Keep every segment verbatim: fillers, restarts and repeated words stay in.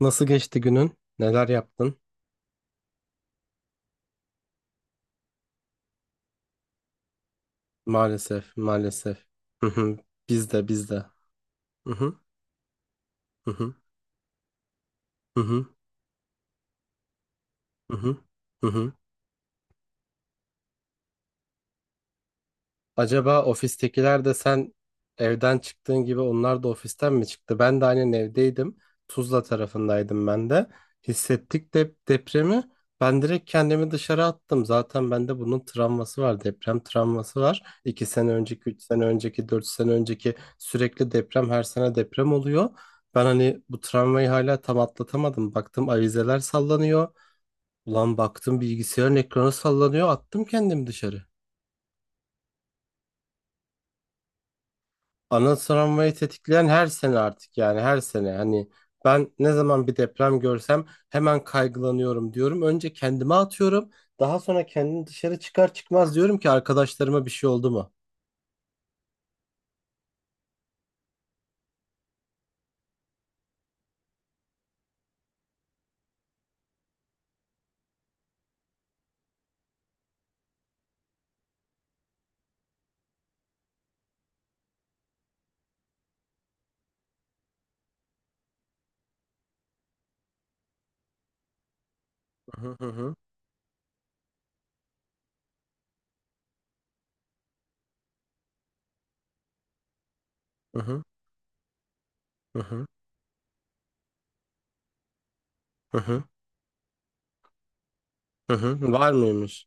Nasıl geçti günün? Neler yaptın? Maalesef, maalesef. Hı hı. Biz de, biz de. Hı hı, hı hı, hı hı, hı hı, hı hı. Acaba ofistekiler de sen evden çıktığın gibi onlar da ofisten mi çıktı? Ben de aynen evdeydim. Tuzla tarafındaydım ben de. Hissettik de depremi. Ben direkt kendimi dışarı attım. Zaten bende bunun travması var. Deprem travması var. iki sene önceki, üç sene önceki, dört sene önceki, sürekli deprem, her sene deprem oluyor. Ben hani bu travmayı hala tam atlatamadım. Baktım avizeler sallanıyor. Ulan baktım bilgisayarın ekranı sallanıyor. Attım kendimi dışarı. Ana travmayı tetikleyen her sene artık yani, her sene hani ben ne zaman bir deprem görsem hemen kaygılanıyorum diyorum. Önce kendime atıyorum. Daha sonra kendim dışarı çıkar çıkmaz diyorum ki arkadaşlarıma bir şey oldu mu? Hı hı hı hı hı hı hı hı hı hı. Var mıymış?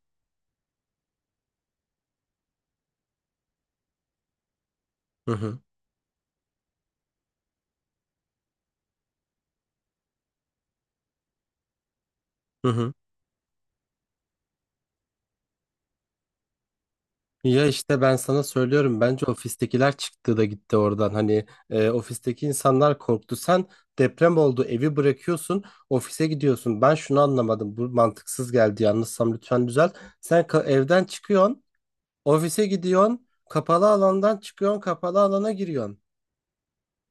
Hı hı hı hı. Ya işte ben sana söylüyorum, bence ofistekiler çıktı da gitti oradan. Hani e, ofisteki insanlar korktu. Sen, deprem oldu, evi bırakıyorsun, ofise gidiyorsun. Ben şunu anlamadım, bu mantıksız geldi, yanlışsam lütfen düzelt. Sen ka- evden çıkıyorsun, ofise gidiyorsun, kapalı alandan çıkıyorsun, kapalı alana giriyorsun.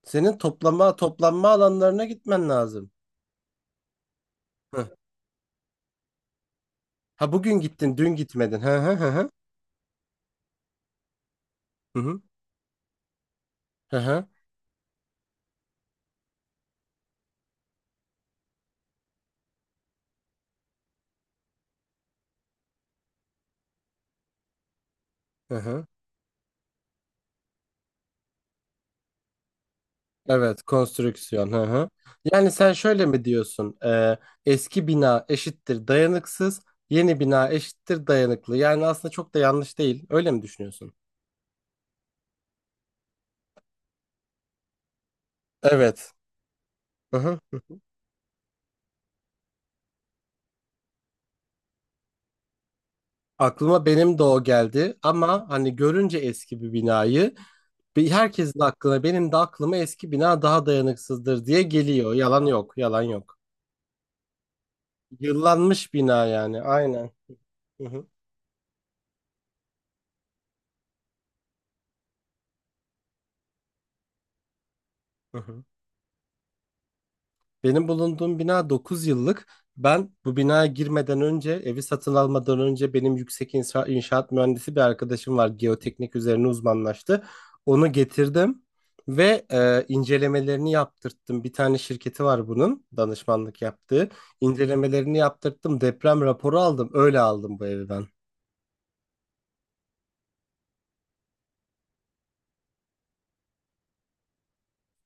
Senin toplama toplanma alanlarına gitmen lazım. Hı. Ha, bugün gittin, dün gitmedin. Hı hı hı hı hı hı hı hı. Hı hı. Evet, konstrüksiyon. Hı hı. Yani sen şöyle mi diyorsun? Ee, eski bina eşittir dayanıksız, yeni bina eşittir dayanıklı. Yani aslında çok da yanlış değil. Öyle mi düşünüyorsun? Evet. Hı hı. Aklıma benim de o geldi ama hani görünce eski bir binayı, bir herkesin aklına, benim de aklıma eski bina daha dayanıksızdır diye geliyor. Yalan yok, yalan yok. Yıllanmış bina yani. Aynen. Hı hı. Hı hı. Benim bulunduğum bina dokuz yıllık. Ben bu binaya girmeden önce, evi satın almadan önce, benim yüksek inşa- inşaat mühendisi bir arkadaşım var. Geoteknik üzerine uzmanlaştı. Onu getirdim ve e, incelemelerini yaptırttım. Bir tane şirketi var bunun danışmanlık yaptığı. İncelemelerini yaptırttım. Deprem raporu aldım. Öyle aldım bu evi ben.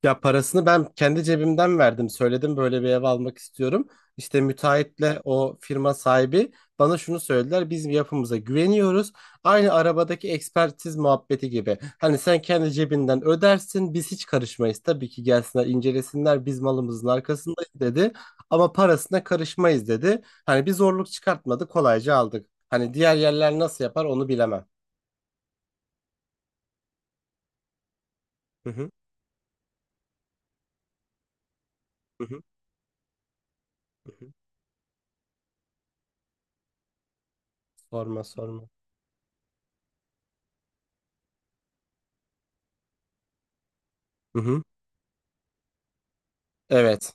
Ya parasını ben kendi cebimden verdim. Söyledim böyle bir ev almak istiyorum. İşte müteahhitle o firma sahibi bana şunu söylediler: biz yapımıza güveniyoruz. Aynı arabadaki ekspertiz muhabbeti gibi. Hani sen kendi cebinden ödersin. Biz hiç karışmayız. Tabii ki gelsinler, incelesinler. Biz malımızın arkasındayız dedi. Ama parasına karışmayız dedi. Hani bir zorluk çıkartmadı. Kolayca aldık. Hani diğer yerler nasıl yapar onu bilemem. Hı hı, hı hı, hı hı. Sorma sorma. Hı hı. Evet.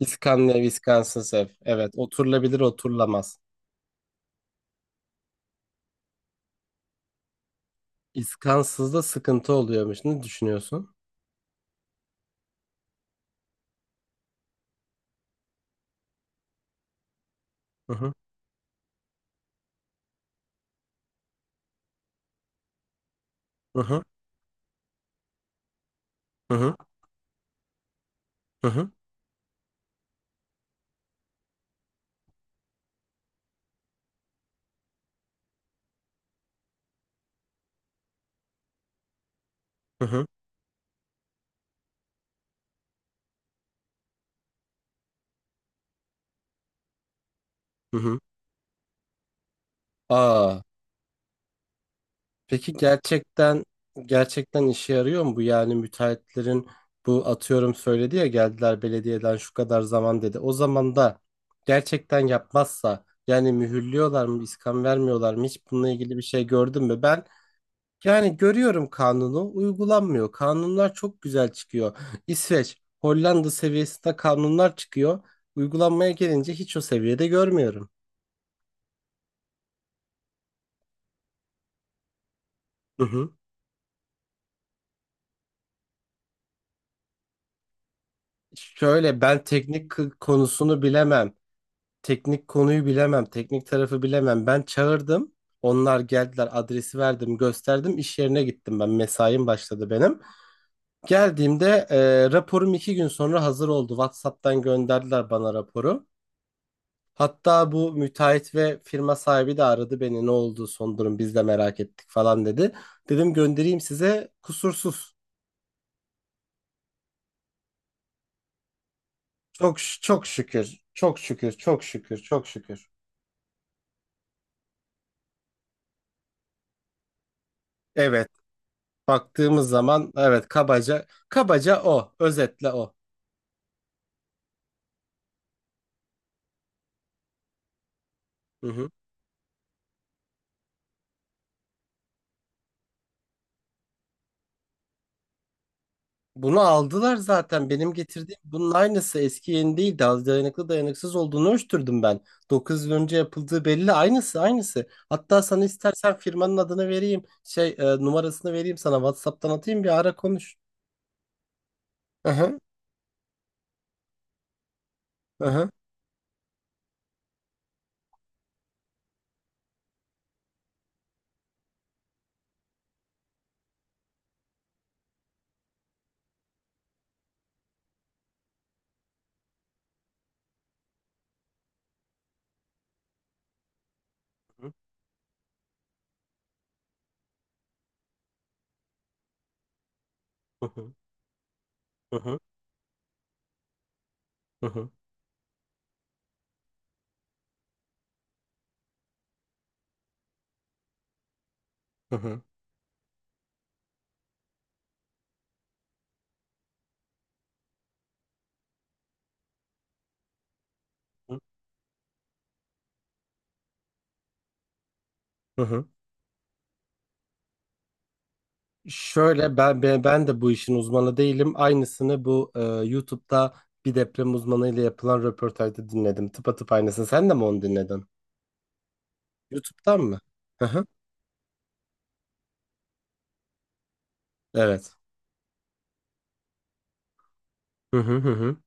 İskamle, Wisconsin Sef. Evet, oturulabilir, oturulamaz. İskansızda sıkıntı oluyormuş. Ne düşünüyorsun? Hı hı, hı hı, hı hı, hı hı, hı hı. Hı hı. Aa, peki gerçekten, gerçekten işe yarıyor mu bu? Yani müteahhitlerin, bu atıyorum söyledi ya, geldiler belediyeden şu kadar zaman dedi. O zaman da gerçekten yapmazsa yani, mühürlüyorlar mı, iskan vermiyorlar mı? Hiç bununla ilgili bir şey gördün mü? Ben... yani görüyorum, kanunu uygulanmıyor. Kanunlar çok güzel çıkıyor. İsveç, Hollanda seviyesinde kanunlar çıkıyor. Uygulanmaya gelince hiç o seviyede görmüyorum. Hı hı. Şöyle ben teknik k- konusunu bilemem. Teknik konuyu bilemem. Teknik tarafı bilemem. Ben çağırdım. Onlar geldiler, adresi verdim, gösterdim, iş yerine gittim, ben mesaim başladı benim. Geldiğimde e, raporum iki gün sonra hazır oldu. WhatsApp'tan gönderdiler bana raporu. Hatta bu müteahhit ve firma sahibi de aradı beni. Ne oldu son durum, biz de merak ettik falan dedi. Dedim göndereyim size, kusursuz. Çok ş- çok şükür. Çok şükür. Çok şükür. Çok şükür. Evet. Baktığımız zaman evet, kabaca kabaca o. Özetle o. Hı hı. Bunu aldılar zaten. Benim getirdiğim bunun aynısı, eski yeni değil, daha dayanıklı dayanıksız olduğunu ölçtürdüm ben. Dokuz yıl önce yapıldığı belli. Aynısı aynısı. Hatta sana istersen firmanın adını vereyim. Şey e, numarasını vereyim sana. WhatsApp'tan atayım, bir ara konuş. Aha, aha. Hı hı, hı hı, hı hı, hı hı, hı. Şöyle ben, ben ben de bu işin uzmanı değilim. Aynısını bu e, YouTube'da bir deprem uzmanıyla yapılan röportajda dinledim. Tıpatıp aynısını. Sen de mi onu dinledin? YouTube'dan mı? Evet. Hı hı hı hı.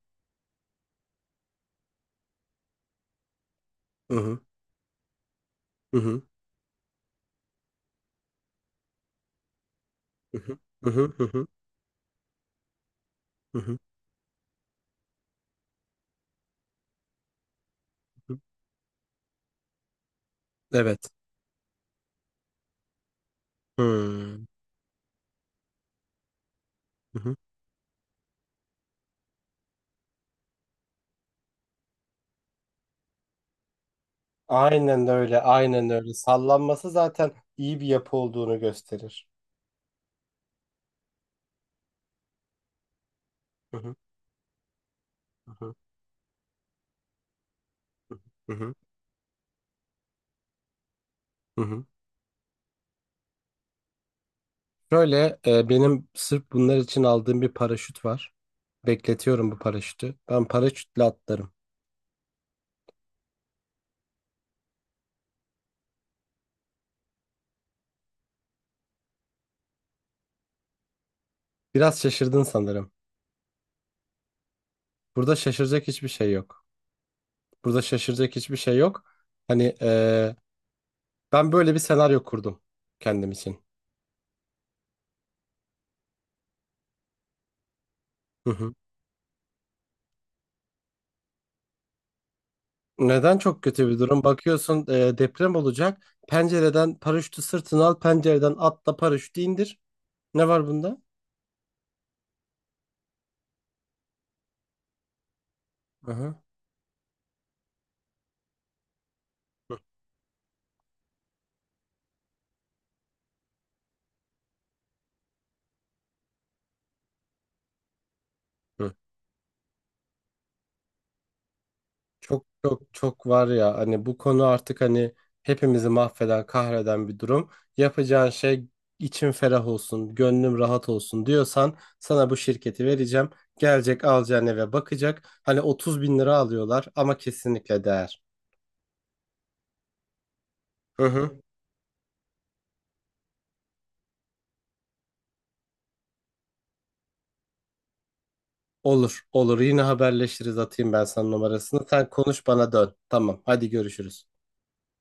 Hı hı hı hı. Hı hı hı hı. Hı hı. Hı hı. Hı hı. Evet. Hı hı hı. Aynen öyle, aynen öyle. Sallanması zaten iyi bir yapı olduğunu gösterir. Hı hı, hı hı, hı hı, hı hı. Şöyle e, benim sırf bunlar için aldığım bir paraşüt var. Bekletiyorum bu paraşütü. Ben paraşütle atlarım. Biraz şaşırdın sanırım. Burada şaşıracak hiçbir şey yok. Burada şaşıracak hiçbir şey yok. Hani e, ben böyle bir senaryo kurdum kendim için. Neden çok kötü bir durum? Bakıyorsun e, deprem olacak. Pencereden paraşütü sırtına al, pencereden atla, paraşütü indir. Ne var bunda? Aha. Hı hı. Çok çok çok var ya, hani bu konu artık hani hepimizi mahveden, kahreden bir durum. Yapacağın şey, içim ferah olsun, gönlüm rahat olsun diyorsan sana bu şirketi vereceğim. Gelecek alacağın eve bakacak. Hani otuz bin lira alıyorlar ama kesinlikle değer. Hı hı. Olur, olur. Yine haberleşiriz. Atayım ben sana numarasını. Sen konuş, bana dön. Tamam. Hadi görüşürüz.